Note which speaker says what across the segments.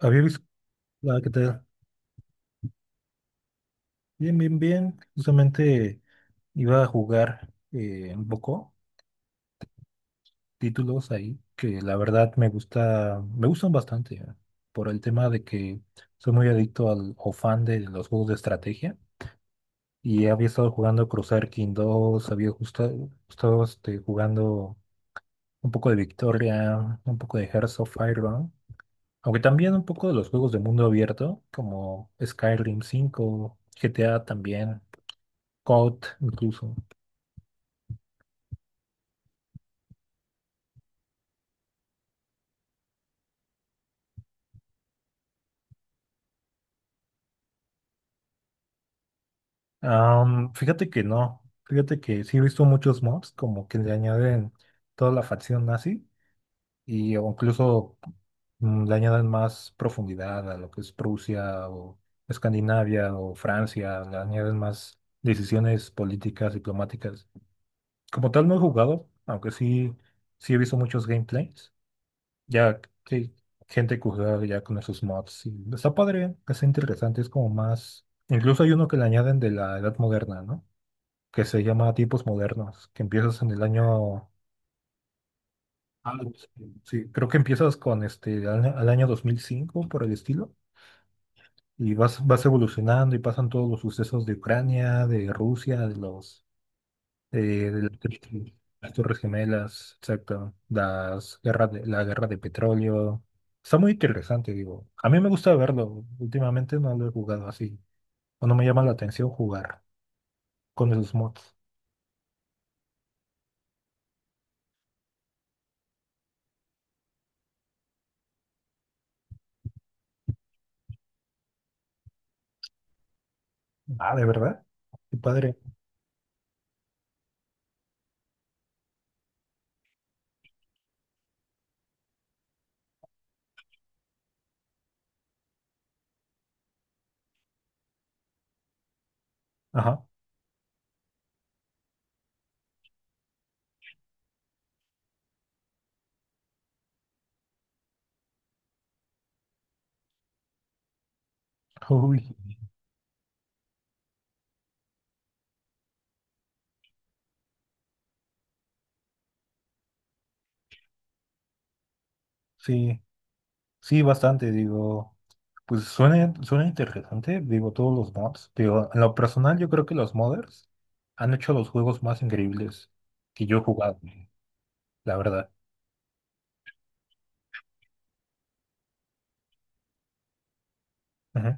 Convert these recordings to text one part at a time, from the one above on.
Speaker 1: Había visto la que te... Bien, bien, bien. Justamente iba a jugar un poco títulos ahí que la verdad me gusta, me gustan bastante, ¿eh? Por el tema de que soy muy adicto al o fan de los juegos de estrategia, y había estado jugando Crusader King dos. Había jugando un poco de Victoria, un poco de Hearts of Iron, aunque también un poco de los juegos de mundo abierto como Skyrim 5, GTA también. Code incluso. Fíjate que no, fíjate que sí he visto muchos mobs como que le añaden toda la facción nazi, y o incluso le añaden más profundidad a lo que es Prusia, o Escandinavia, o Francia. Le añaden más decisiones políticas, diplomáticas. Como tal no he jugado, aunque sí, sí he visto muchos gameplays. Ya que gente que juega ya con esos mods. Y está padre, es interesante, es como más. Incluso hay uno que le añaden de la edad moderna, ¿no? Que se llama tipos modernos, que empiezas en el año. Ah, sí, sí, creo que empiezas con este al año 2005 por el estilo. Y vas evolucionando y pasan todos los sucesos de Ucrania, de Rusia, de los eh, el- el- las Torres Gemelas, exacto, las guerras de, la guerra de petróleo. Está muy interesante, digo. A mí me gusta verlo. Últimamente no lo he jugado así. O no me llama la atención jugar con esos mods. Ah, ¿de verdad? Qué padre. Ajá. Uy, sí, sí, bastante, digo. Pues suena interesante, digo, todos los mods. Digo, en lo personal, yo creo que los modders han hecho los juegos más increíbles que yo he jugado, la verdad. Ujú.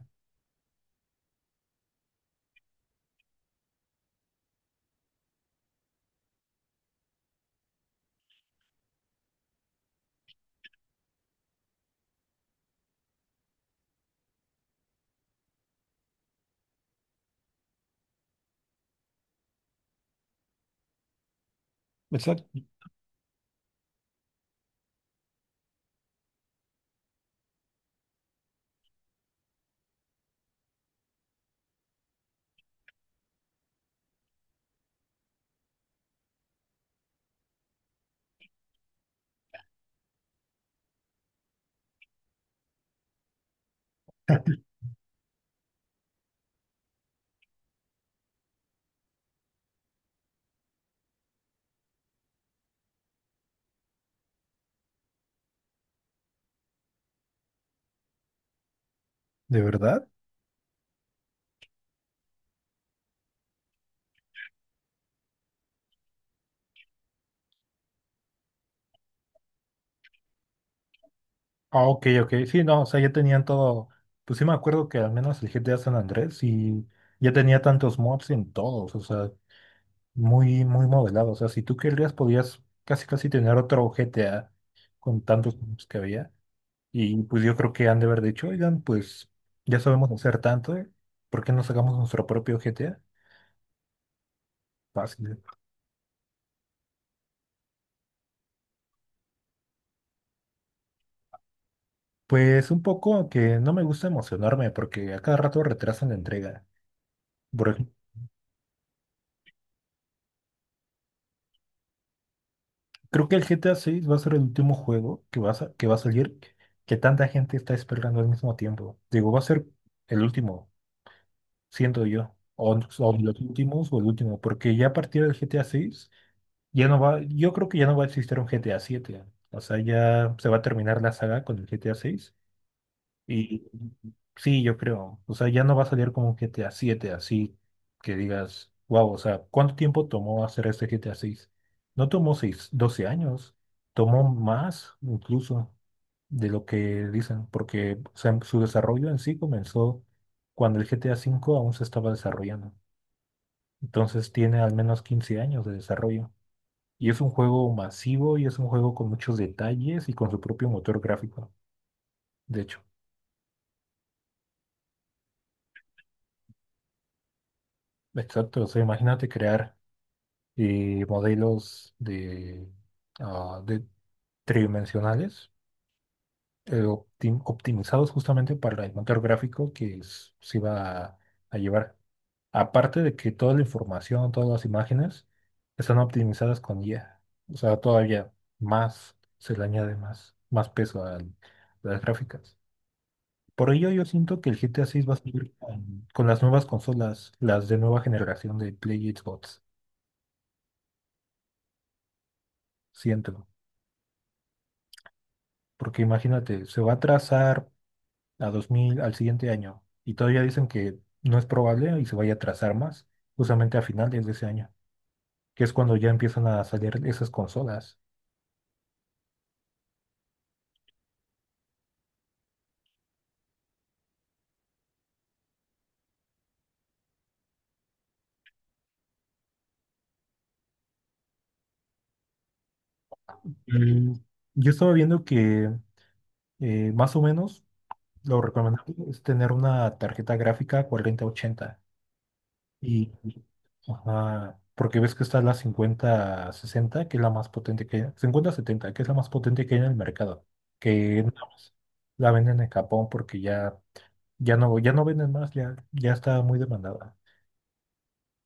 Speaker 1: Exacto. ¿De verdad? Ah, ok, ok. Sí, no, o sea, ya tenían todo. Pues sí me acuerdo que al menos el GTA San Andrés y ya tenía tantos mods en todos, o sea, muy, muy modelado. O sea, si tú querías, podías casi, casi tener otro GTA con tantos mods que había. Y pues yo creo que han de haber dicho: oigan, pues ya sabemos hacer tanto, ¿eh? ¿Por qué no sacamos nuestro propio GTA? Fácil. Pues un poco que no me gusta emocionarme porque a cada rato retrasan la entrega. Creo que el GTA 6 va a ser el último juego que va a salir, que tanta gente está esperando al mismo tiempo. Digo, va a ser el último, siento yo, o los últimos o el último, porque ya a partir del GTA 6 ya no va, yo creo que ya no va a existir un GTA 7. O sea, ya se va a terminar la saga con el GTA 6 y sí, yo creo. O sea, ya no va a salir como un GTA 7 así que digas, wow. O sea, ¿cuánto tiempo tomó hacer este GTA 6? No tomó seis, 12 años. Tomó más incluso de lo que dicen, porque o sea, su desarrollo en sí comenzó cuando el GTA 5 aún se estaba desarrollando. Entonces tiene al menos 15 años de desarrollo. Y es un juego masivo y es un juego con muchos detalles y con su propio motor gráfico, de hecho. Exacto, o sea, imagínate crear y modelos de tridimensionales, optimizados justamente para el motor gráfico que se iba a llevar. Aparte de que toda la información, todas las imágenes están optimizadas con IA. O sea, todavía más se le añade más peso a las gráficas. Por ello yo siento que el GTA 6 va a salir con las nuevas consolas, las de nueva generación de Play y Xbox. Siento. Porque imagínate, se va a atrasar a 2000 al siguiente año, y todavía dicen que no es probable y se vaya a atrasar más, justamente a finales de ese año, que es cuando ya empiezan a salir esas consolas. Y yo estaba viendo que más o menos lo recomendable es tener una tarjeta gráfica 4080. Y, ajá, porque ves que está la 5060 que es la más potente que, 5070, que es la más potente que hay en el mercado, que nada más la venden en Japón porque ya ya no, ya no venden más, ya está muy demandada.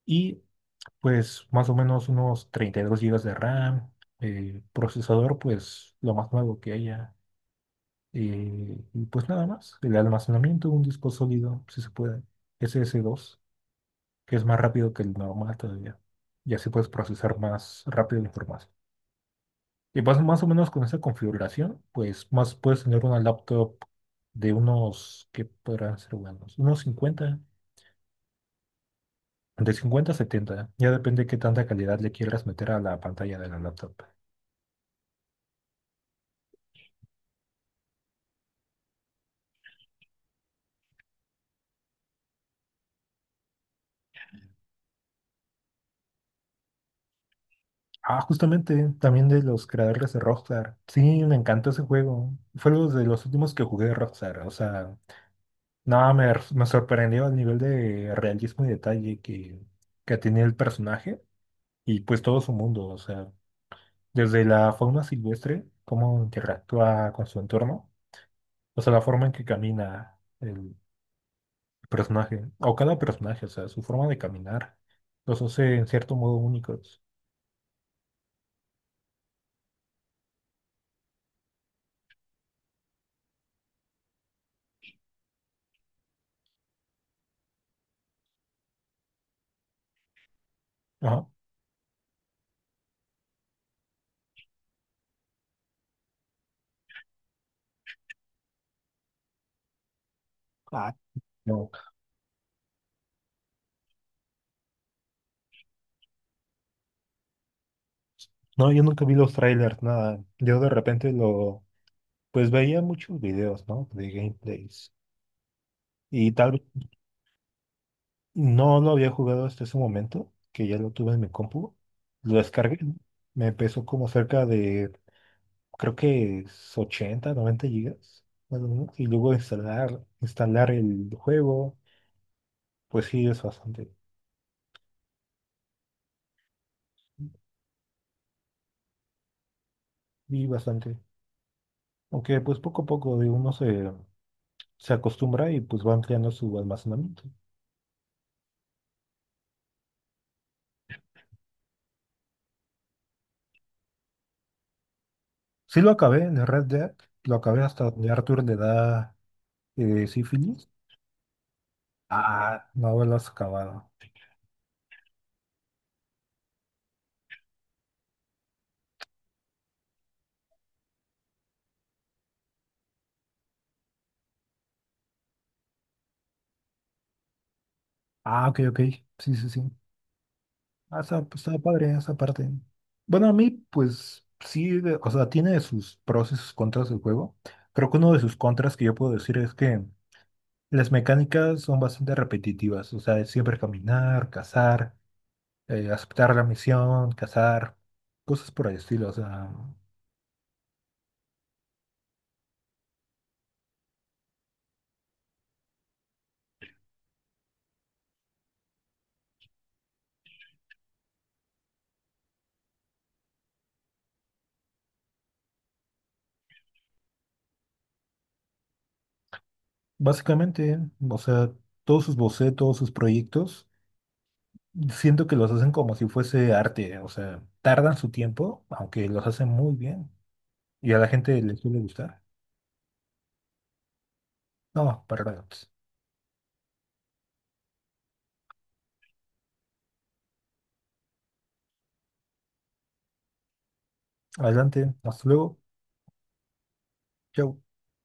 Speaker 1: Y pues más o menos unos 32 gigas de RAM, procesador pues lo más nuevo que haya. Y pues nada más, el almacenamiento, un disco sólido, si se puede, SS2, que es más rápido que el normal todavía. Y así puedes procesar más rápido la información. Y pues más o menos con esa configuración, pues más puedes tener una laptop de unos, ¿que podrán ser buenos? Unos cincuenta. De 50 a 70, ya depende qué tanta calidad le quieras meter a la pantalla de la laptop. Ah, justamente, también de los creadores de Rockstar. Sí, me encantó ese juego. Fue uno de los últimos que jugué de Rockstar. O sea, nada, me sorprendió el nivel de realismo y detalle que tenía el personaje y pues todo su mundo. O sea, desde la fauna silvestre, cómo interactúa con su entorno, o sea, la forma en que camina, el personaje, o cada personaje, o sea, su forma de caminar, los hace en cierto modo únicos. Ajá. Ah, no, no, yo nunca vi los trailers, nada. Yo de repente lo, pues veía muchos videos, ¿no? De gameplays. Y tal vez no lo había jugado hasta ese momento, que ya lo tuve en mi compu. Lo descargué. Me pesó como cerca de, creo que es 80, 90 gigas más o menos. Y luego instalar, el juego, pues sí, es bastante. Y bastante. Aunque pues poco a poco de uno se acostumbra y pues va ampliando su almacenamiento. Sí lo acabé, en el Red Dead, lo acabé hasta donde Arthur le da sífilis. Ah, no lo has acabado. Ah, ok, ok. Sí, sí, sí. Ah, está, pues, está padre esa parte. Bueno, a mí pues sí, o sea, tiene sus pros y sus contras del juego. Creo que uno de sus contras que yo puedo decir es que las mecánicas son bastante repetitivas. O sea, es siempre caminar, cazar. Aceptar la misión, cazar, cosas por el estilo. O sea, básicamente, o sea, todos sus bocetos, sus proyectos, siento que los hacen como si fuese arte. O sea, tardan su tiempo, aunque los hacen muy bien. Y a la gente les suele gustar. No, para nada. Adelante, hasta luego. Chau.